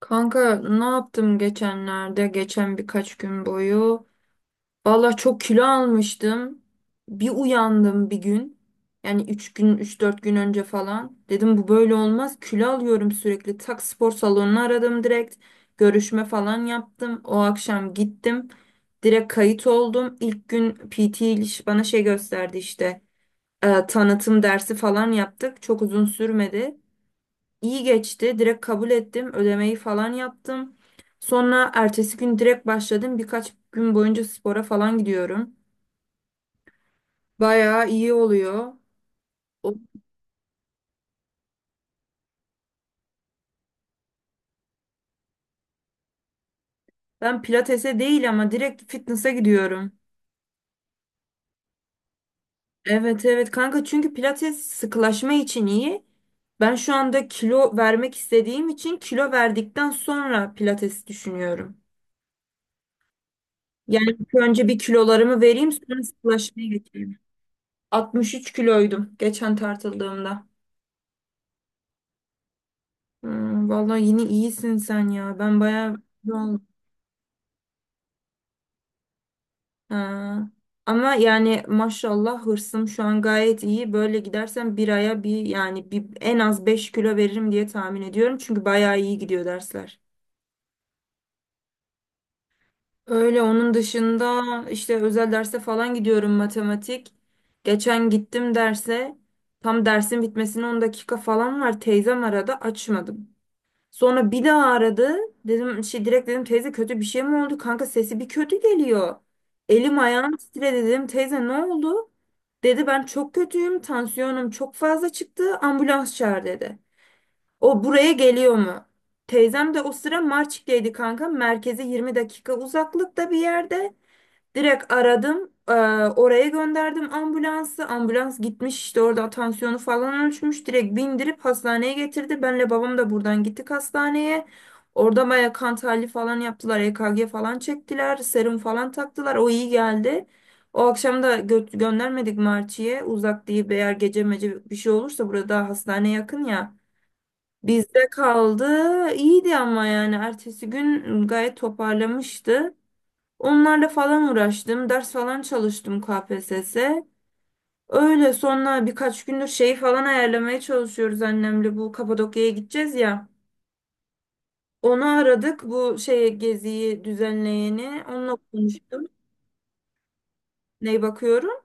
Kanka ne yaptım geçenlerde, geçen birkaç gün boyu? Valla çok kilo almıştım. Bir uyandım bir gün. Yani 3 gün, üç dört gün önce falan. Dedim bu böyle olmaz. Kilo alıyorum sürekli. Tak spor salonunu aradım direkt. Görüşme falan yaptım. O akşam gittim. Direkt kayıt oldum. İlk gün PT ile bana şey gösterdi işte. Tanıtım dersi falan yaptık. Çok uzun sürmedi. İyi geçti. Direkt kabul ettim. Ödemeyi falan yaptım. Sonra ertesi gün direkt başladım. Birkaç gün boyunca spora falan gidiyorum. Bayağı iyi oluyor. O- Ben pilatese değil ama direkt fitness'a gidiyorum. Evet evet kanka, çünkü pilates sıkılaşma için iyi. Ben şu anda kilo vermek istediğim için kilo verdikten sonra pilates düşünüyorum. Yani ilk önce bir kilolarımı vereyim, sonra sıkılaşmaya geçeyim. 63 kiloydum geçen tartıldığımda. Hmm, vallahi yine iyisin sen ya. Ben bayağı yol. Ha. Ama yani maşallah hırsım şu an gayet iyi. Böyle gidersen bir aya yani en az 5 kilo veririm diye tahmin ediyorum. Çünkü bayağı iyi gidiyor dersler. Öyle, onun dışında işte özel derse falan gidiyorum, matematik. Geçen gittim derse, tam dersin bitmesine 10 dakika falan var. Teyzem arada, açmadım. Sonra bir daha aradı. Dedim şey, direkt dedim, teyze kötü bir şey mi oldu? Kanka sesi bir kötü geliyor. Elim ayağım titredi, dedim teyze ne oldu? Dedi ben çok kötüyüm. Tansiyonum çok fazla çıktı. Ambulans çağır dedi. O buraya geliyor mu? Teyzem de o sıra Marçik'teydi kanka. Merkeze 20 dakika uzaklıkta bir yerde. Direkt aradım. Oraya gönderdim ambulansı. Ambulans gitmiş, işte orada tansiyonu falan ölçmüş. Direkt bindirip hastaneye getirdi. Benle babam da buradan gittik hastaneye. Orada baya kan tahlili falan yaptılar. EKG falan çektiler. Serum falan taktılar. O iyi geldi. O akşam da göndermedik Marçi'ye. Uzak değil, eğer gece mece bir şey olursa burada daha hastane yakın ya. Bizde kaldı. İyiydi ama yani ertesi gün gayet toparlamıştı. Onlarla falan uğraştım. Ders falan çalıştım KPSS'e. Öyle, sonra birkaç gündür şeyi falan ayarlamaya çalışıyoruz annemle. Bu Kapadokya'ya gideceğiz ya. Onu aradık. Bu şey, geziyi düzenleyeni. Onunla konuştum. Ney bakıyorum?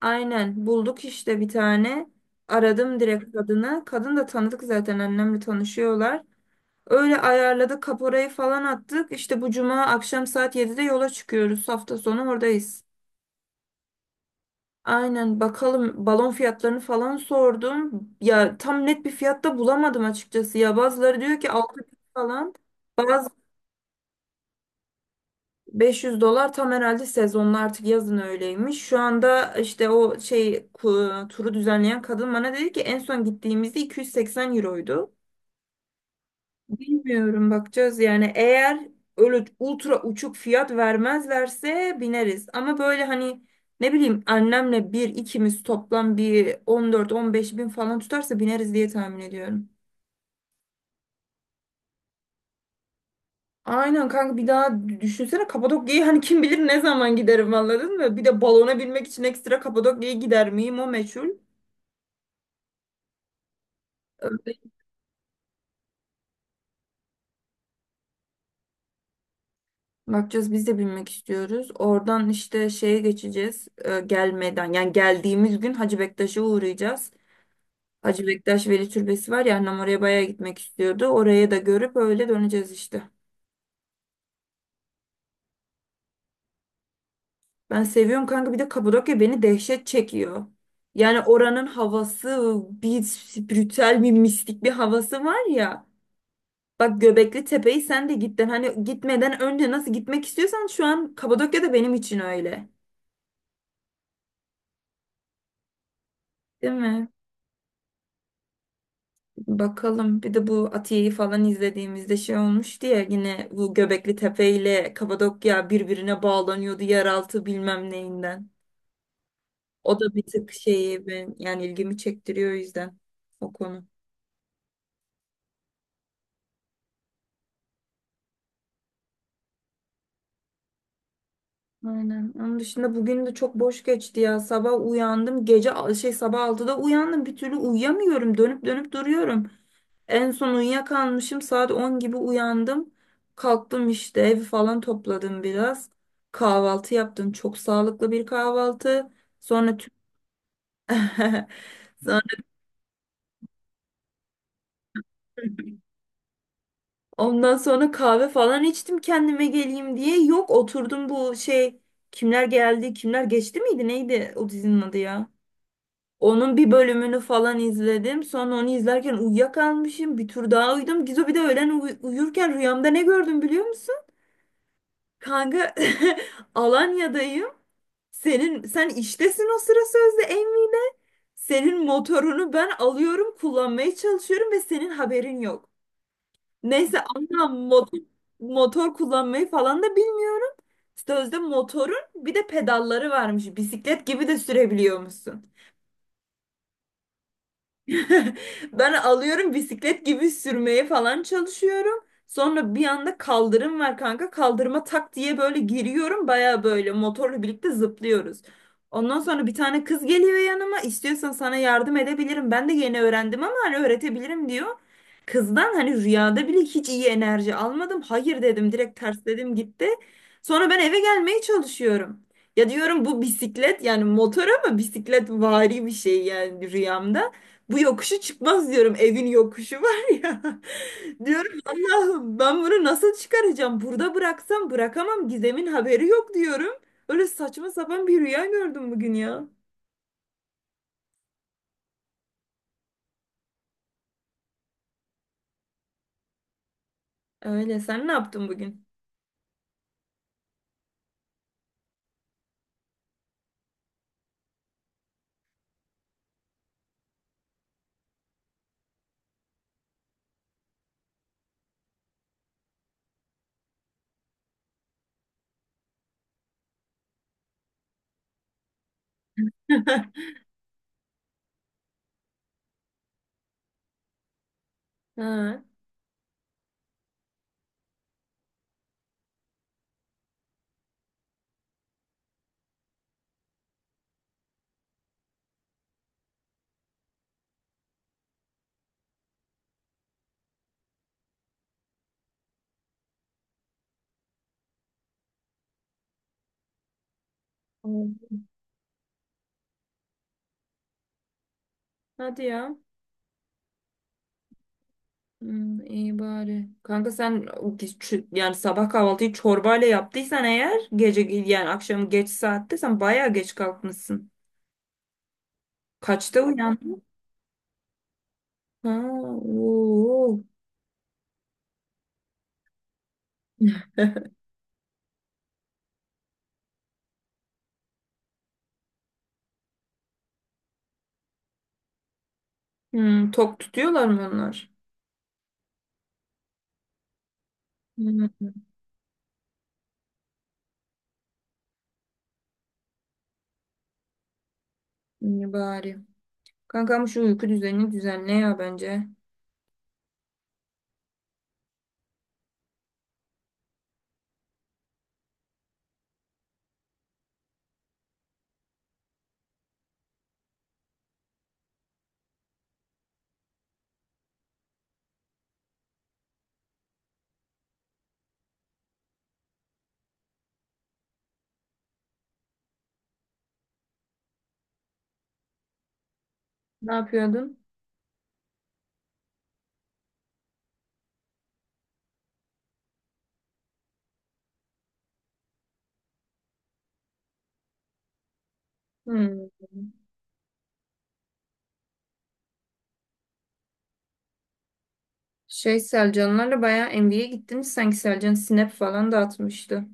Aynen, bulduk işte bir tane. Aradım direkt kadını. Kadın da tanıdık, zaten annemle tanışıyorlar. Öyle ayarladık, kaporayı falan attık. İşte bu cuma akşam saat 7'de yola çıkıyoruz. Hafta sonu oradayız. Aynen, bakalım. Balon fiyatlarını falan sordum. Ya tam net bir fiyatta bulamadım açıkçası. Ya bazıları diyor ki 600 falan. Bazı 500 dolar tam, herhalde sezonla artık, yazın öyleymiş. Şu anda işte o şey, turu düzenleyen kadın bana dedi ki en son gittiğimizde 280 euroydu. Bilmiyorum, bakacağız yani. Eğer öyle ultra uçuk fiyat vermezlerse bineriz. Ama böyle hani, ne bileyim annemle bir ikimiz toplam bir 14-15 bin falan tutarsa bineriz diye tahmin ediyorum. Aynen kanka, bir daha düşünsene Kapadokya'yı, hani kim bilir ne zaman giderim, anladın mı? Bir de balona binmek için ekstra Kapadokya'ya gider miyim, o meçhul. Öyle. Bakacağız, biz de binmek istiyoruz. Oradan işte şeye geçeceğiz, gelmeden yani geldiğimiz gün Hacı Bektaş'a uğrayacağız. Hacı Bektaş Veli Türbesi var ya, annem oraya bayağı gitmek istiyordu. Oraya da görüp öyle döneceğiz işte. Ben seviyorum kanka, bir de Kapadokya beni dehşet çekiyor. Yani oranın havası, bir spiritüel, bir mistik bir havası var ya. Bak, Göbekli Tepe'yi sen de gittin, hani gitmeden önce nasıl gitmek istiyorsan, şu an Kapadokya da benim için öyle. Değil mi? Bakalım. Bir de bu Atiye'yi falan izlediğimizde şey olmuştu ya, yine bu Göbekli Tepe ile Kapadokya birbirine bağlanıyordu yeraltı bilmem neyinden. O da bir tık şeyi, ben yani ilgimi çektiriyor o yüzden o konu. Aynen. Onun dışında bugün de çok boş geçti ya. Sabah uyandım. Gece şey sabah 6'da uyandım. Bir türlü uyuyamıyorum. Dönüp dönüp duruyorum. En son uyuyakalmışım. Saat 10 gibi uyandım. Kalktım, işte evi falan topladım biraz. Kahvaltı yaptım. Çok sağlıklı bir kahvaltı. Sonra tüm... Sonra Ondan sonra kahve falan içtim, kendime geleyim diye. Yok, oturdum bu şey, kimler geldi kimler geçti miydi neydi, o dizinin adı ya. Onun bir bölümünü falan izledim. Sonra onu izlerken uyuyakalmışım. Bir tur daha uyudum. Gizo, bir de öğlen uyurken rüyamda ne gördüm biliyor musun? Kanka, Alanya'dayım. Senin, sen iştesin o sıra sözde, Emmi'yle. Senin motorunu ben alıyorum, kullanmaya çalışıyorum ve senin haberin yok. Neyse, anlam, motor kullanmayı falan da bilmiyorum. Sözde motorun bir de pedalları varmış. Bisiklet gibi de sürebiliyormuşsun. Ben alıyorum, bisiklet gibi sürmeye falan çalışıyorum. Sonra bir anda kaldırım var kanka. Kaldırıma tak diye böyle giriyorum. Baya böyle motorla birlikte zıplıyoruz. Ondan sonra bir tane kız geliyor yanıma. İstiyorsan sana yardım edebilirim. Ben de yeni öğrendim ama hani öğretebilirim, diyor. Kızdan, hani rüyada bile hiç iyi enerji almadım. Hayır dedim, direkt tersledim, gitti. Sonra ben eve gelmeye çalışıyorum. Ya diyorum, bu bisiklet yani motor ama bisiklet vari bir şey yani rüyamda. Bu yokuşu çıkmaz diyorum. Evin yokuşu var ya. Diyorum Allah'ım, ben bunu nasıl çıkaracağım? Burada bıraksam, bırakamam. Gizem'in haberi yok, diyorum. Öyle saçma sapan bir rüya gördüm bugün ya. Öyle, sen ne yaptın bugün? Ha. Hadi ya. Hmm, iyi bari. Kanka sen o yani sabah kahvaltıyı çorbayla yaptıysan, eğer gece yani akşam geç saatte, sen bayağı geç kalkmışsın. Kaçta uyandın? Ha, oo. Hmm, tok tutuyorlar mı onlar? Hmm, iyi bari. Kankam şu uyku düzenini düzenle ya, bence. Ne yapıyordun? Hmm. Şey, Selcanlarla bayağı NBA'ye gittiniz sanki, Selcan snap falan da atmıştı.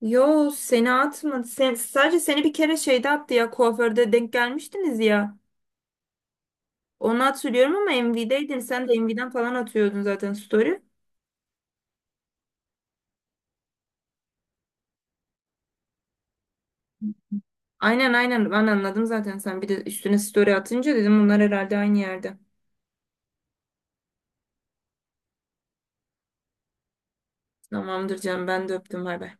Yo, seni atmadı. Sadece seni bir kere şeyde attı ya, kuaförde denk gelmiştiniz ya. Onu hatırlıyorum ama MV'deydin. Sen de MV'den falan atıyordun zaten, story. Aynen aynen, ben anladım zaten, sen bir de üstüne story atınca dedim bunlar herhalde aynı yerde. Tamamdır canım, ben de öptüm, bay bay.